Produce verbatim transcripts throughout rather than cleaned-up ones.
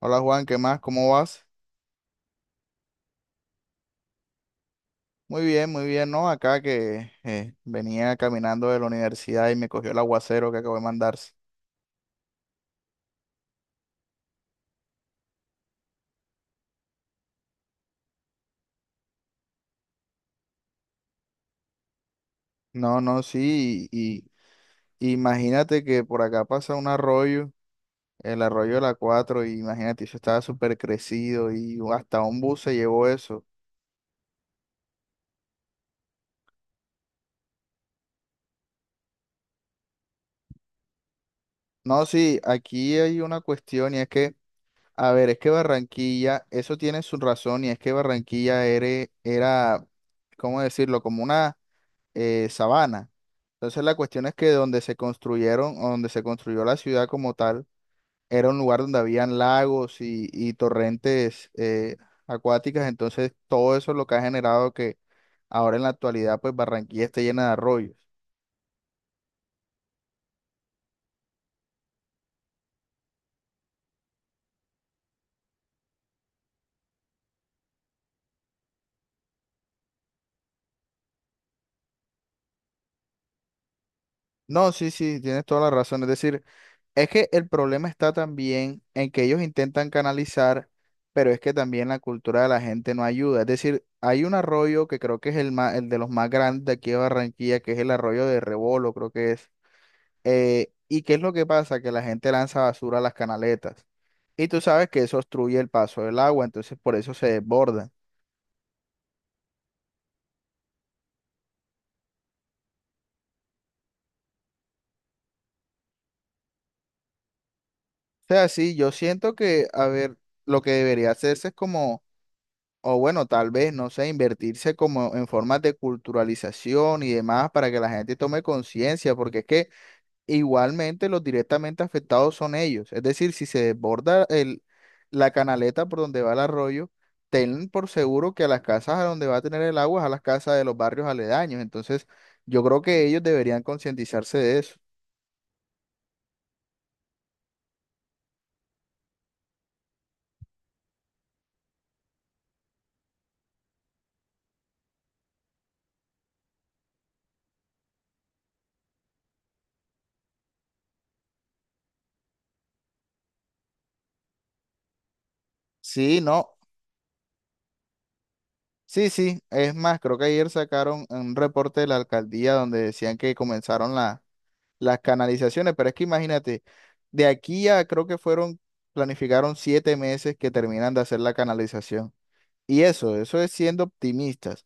Hola Juan, ¿qué más? ¿Cómo vas? Muy bien, muy bien, ¿no? Acá que eh, venía caminando de la universidad y me cogió el aguacero que acabo de mandarse. No, no, sí, y, y imagínate que por acá pasa un arroyo, el arroyo de la cuatro y imagínate, eso estaba súper crecido y hasta un bus se llevó eso. No, sí, aquí hay una cuestión y es que, a ver, es que Barranquilla, eso tiene su razón y es que Barranquilla era, era, ¿cómo decirlo? Como una eh, sabana. Entonces la cuestión es que donde se construyeron, o donde se construyó la ciudad como tal, era un lugar donde habían lagos y, y torrentes eh, acuáticas. Entonces todo eso es lo que ha generado que ahora en la actualidad pues Barranquilla esté llena de arroyos. No, sí, sí, tienes toda la razón. Es decir, es que el problema está también en que ellos intentan canalizar, pero es que también la cultura de la gente no ayuda. Es decir, hay un arroyo que creo que es el, ma- el de los más grandes de aquí de Barranquilla, que es el arroyo de Rebolo, creo que es. Eh, ¿y qué es lo que pasa? Que la gente lanza basura a las canaletas. Y tú sabes que eso obstruye el paso del agua, entonces por eso se desborda. O sea, sí, yo siento que, a ver, lo que debería hacerse es como o bueno, tal vez, no sé, invertirse como en formas de culturalización y demás para que la gente tome conciencia, porque es que igualmente los directamente afectados son ellos. Es decir, si se desborda el, la canaleta por donde va el arroyo, ten por seguro que a las casas a donde va a tener el agua es a las casas de los barrios aledaños. Entonces, yo creo que ellos deberían concientizarse de eso. Sí, no. Sí, sí, es más, creo que ayer sacaron un reporte de la alcaldía donde decían que comenzaron la las canalizaciones, pero es que imagínate, de aquí a creo que fueron, planificaron siete meses que terminan de hacer la canalización. Y eso, eso es siendo optimistas,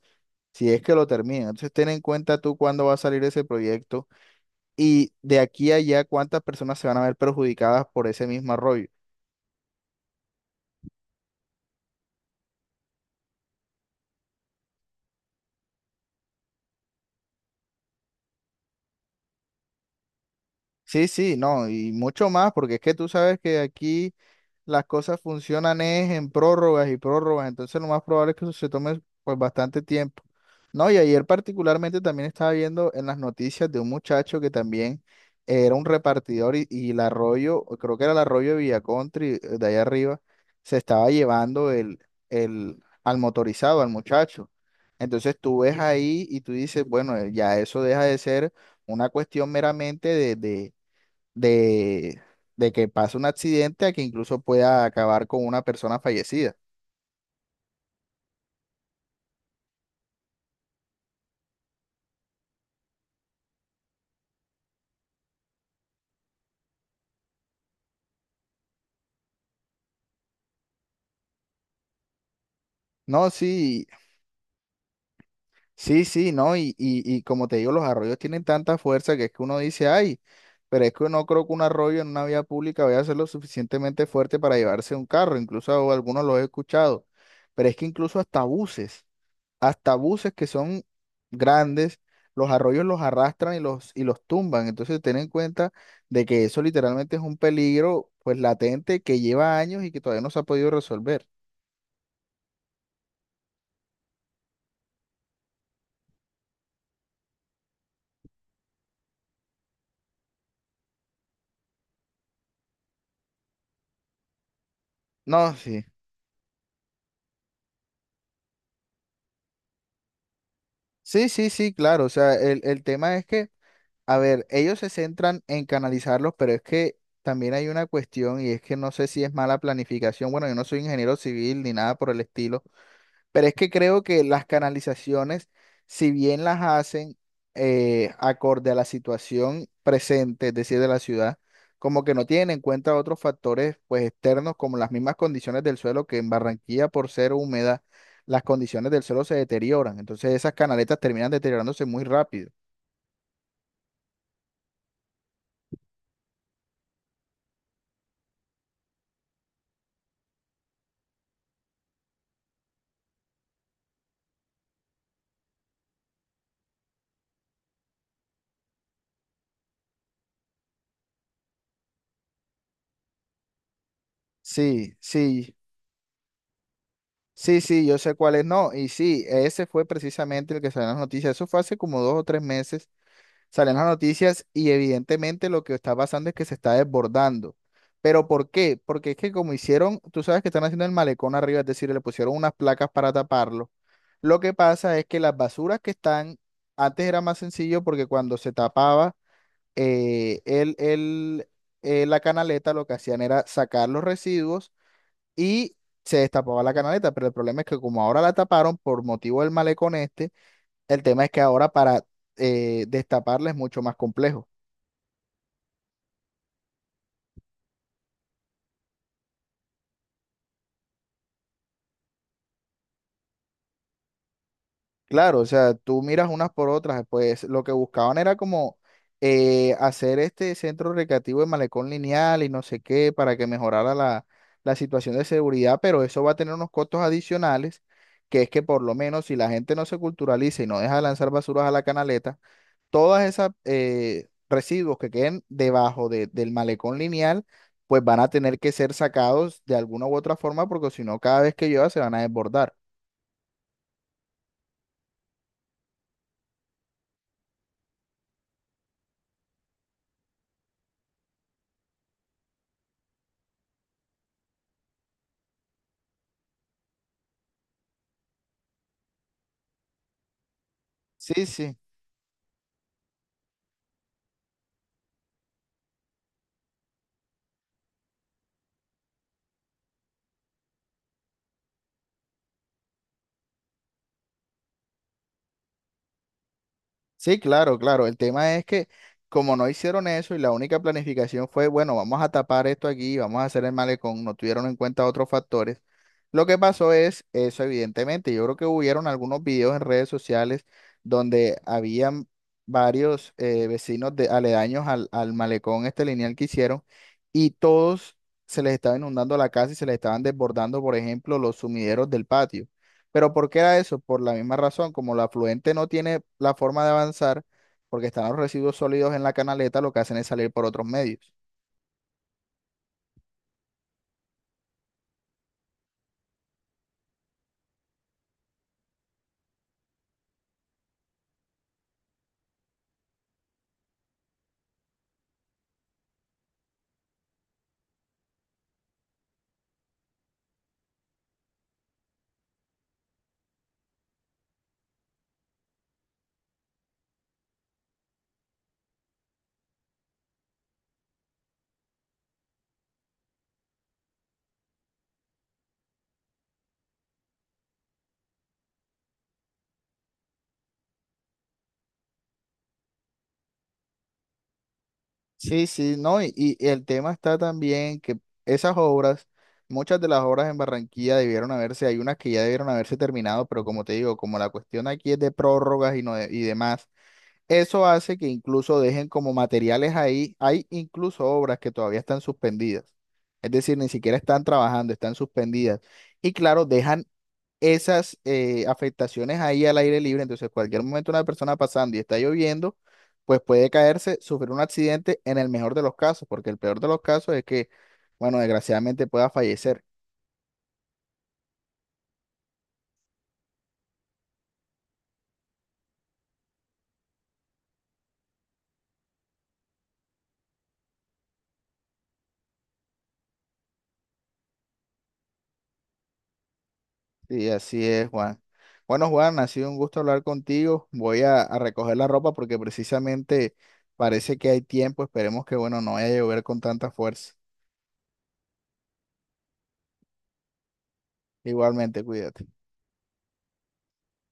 si es que lo terminan. Entonces ten en cuenta tú cuándo va a salir ese proyecto y de aquí a allá cuántas personas se van a ver perjudicadas por ese mismo arroyo. Sí, sí, no, y mucho más, porque es que tú sabes que aquí las cosas funcionan es en prórrogas y prórrogas, entonces lo más probable es que eso se tome pues bastante tiempo. No, y ayer particularmente también estaba viendo en las noticias de un muchacho que también era un repartidor y, y el arroyo, creo que era el arroyo de Villacontri, eh, de allá arriba, se estaba llevando el, el, al motorizado, al muchacho. Entonces tú ves ahí y tú dices, bueno, eh, ya eso deja de ser una cuestión meramente de, de de, de que pase un accidente a que incluso pueda acabar con una persona fallecida. No, sí, sí, sí, no, y, y, y como te digo, los arroyos tienen tanta fuerza que es que uno dice, ay, pero es que no creo que un arroyo en una vía pública vaya a ser lo suficientemente fuerte para llevarse un carro, incluso algunos los he escuchado, pero es que incluso hasta buses. hasta buses que son grandes, los arroyos los arrastran y los, y los tumban. Entonces, ten en cuenta de que eso literalmente es un peligro pues latente que lleva años y que todavía no se ha podido resolver. No, sí. Sí, sí, sí, claro. O sea, el, el tema es que, a ver, ellos se centran en canalizarlos, pero es que también hay una cuestión y es que no sé si es mala planificación. Bueno, yo no soy ingeniero civil ni nada por el estilo. Pero es que creo que las canalizaciones, si bien las hacen eh, acorde a la situación presente, es decir, de la ciudad, como que no tienen en cuenta otros factores pues externos como las mismas condiciones del suelo, que en Barranquilla por ser húmeda, las condiciones del suelo se deterioran. Entonces esas canaletas terminan deteriorándose muy rápido. Sí, sí, sí, sí, yo sé cuál es, no. Y sí, ese fue precisamente el que salió en las noticias. Eso fue hace como dos o tres meses salen las noticias y evidentemente lo que está pasando es que se está desbordando. ¿Pero por qué? Porque es que como hicieron, tú sabes que están haciendo el malecón arriba, es decir, le pusieron unas placas para taparlo. Lo que pasa es que las basuras que están, antes era más sencillo porque cuando se tapaba eh, el, el, eh, la canaleta, lo que hacían era sacar los residuos y se destapaba la canaleta, pero el problema es que como ahora la taparon por motivo del malecón este, el tema es que ahora para eh, destaparla es mucho más complejo. Claro, o sea, tú miras unas por otras, pues lo que buscaban era como eh, hacer este centro recreativo de malecón lineal y no sé qué para que mejorara la, la situación de seguridad, pero eso va a tener unos costos adicionales, que es que por lo menos si la gente no se culturaliza y no deja de lanzar basuras a la canaleta, todas esas eh, residuos que queden debajo de- del malecón lineal, pues van a tener que ser sacados de alguna u otra forma porque si no, cada vez que llueva se van a desbordar. Sí, sí. Sí, claro, claro. El tema es que como no hicieron eso y la única planificación fue, bueno, vamos a tapar esto aquí, vamos a hacer el malecón, no tuvieron en cuenta otros factores. Lo que pasó es eso, evidentemente. Yo creo que hubieron algunos videos en redes sociales donde habían varios eh, vecinos de, aledaños al, al malecón, este lineal que hicieron, y todos se les estaba inundando la casa y se les estaban desbordando, por ejemplo, los sumideros del patio. Pero ¿por qué era eso? Por la misma razón, como la afluente no tiene la forma de avanzar, porque están los residuos sólidos en la canaleta, lo que hacen es salir por otros medios. Sí, sí, no, y, y el tema está también que esas obras, muchas de las obras en Barranquilla debieron haberse, hay unas que ya debieron haberse terminado, pero como te digo, como la cuestión aquí es de prórrogas y, no de- y demás, eso hace que incluso dejen como materiales ahí, hay incluso obras que todavía están suspendidas, es decir, ni siquiera están trabajando, están suspendidas. Y claro, dejan esas eh, afectaciones ahí al aire libre. Entonces, cualquier momento una persona pasando y está lloviendo, pues puede caerse, sufrir un accidente en el mejor de los casos, porque el peor de los casos es que, bueno, desgraciadamente pueda fallecer. Y así es, Juan. Bueno, Juan, ha sido un gusto hablar contigo. Voy a, a recoger la ropa porque precisamente parece que hay tiempo. Esperemos que, bueno, no vaya a llover con tanta fuerza. Igualmente, cuídate.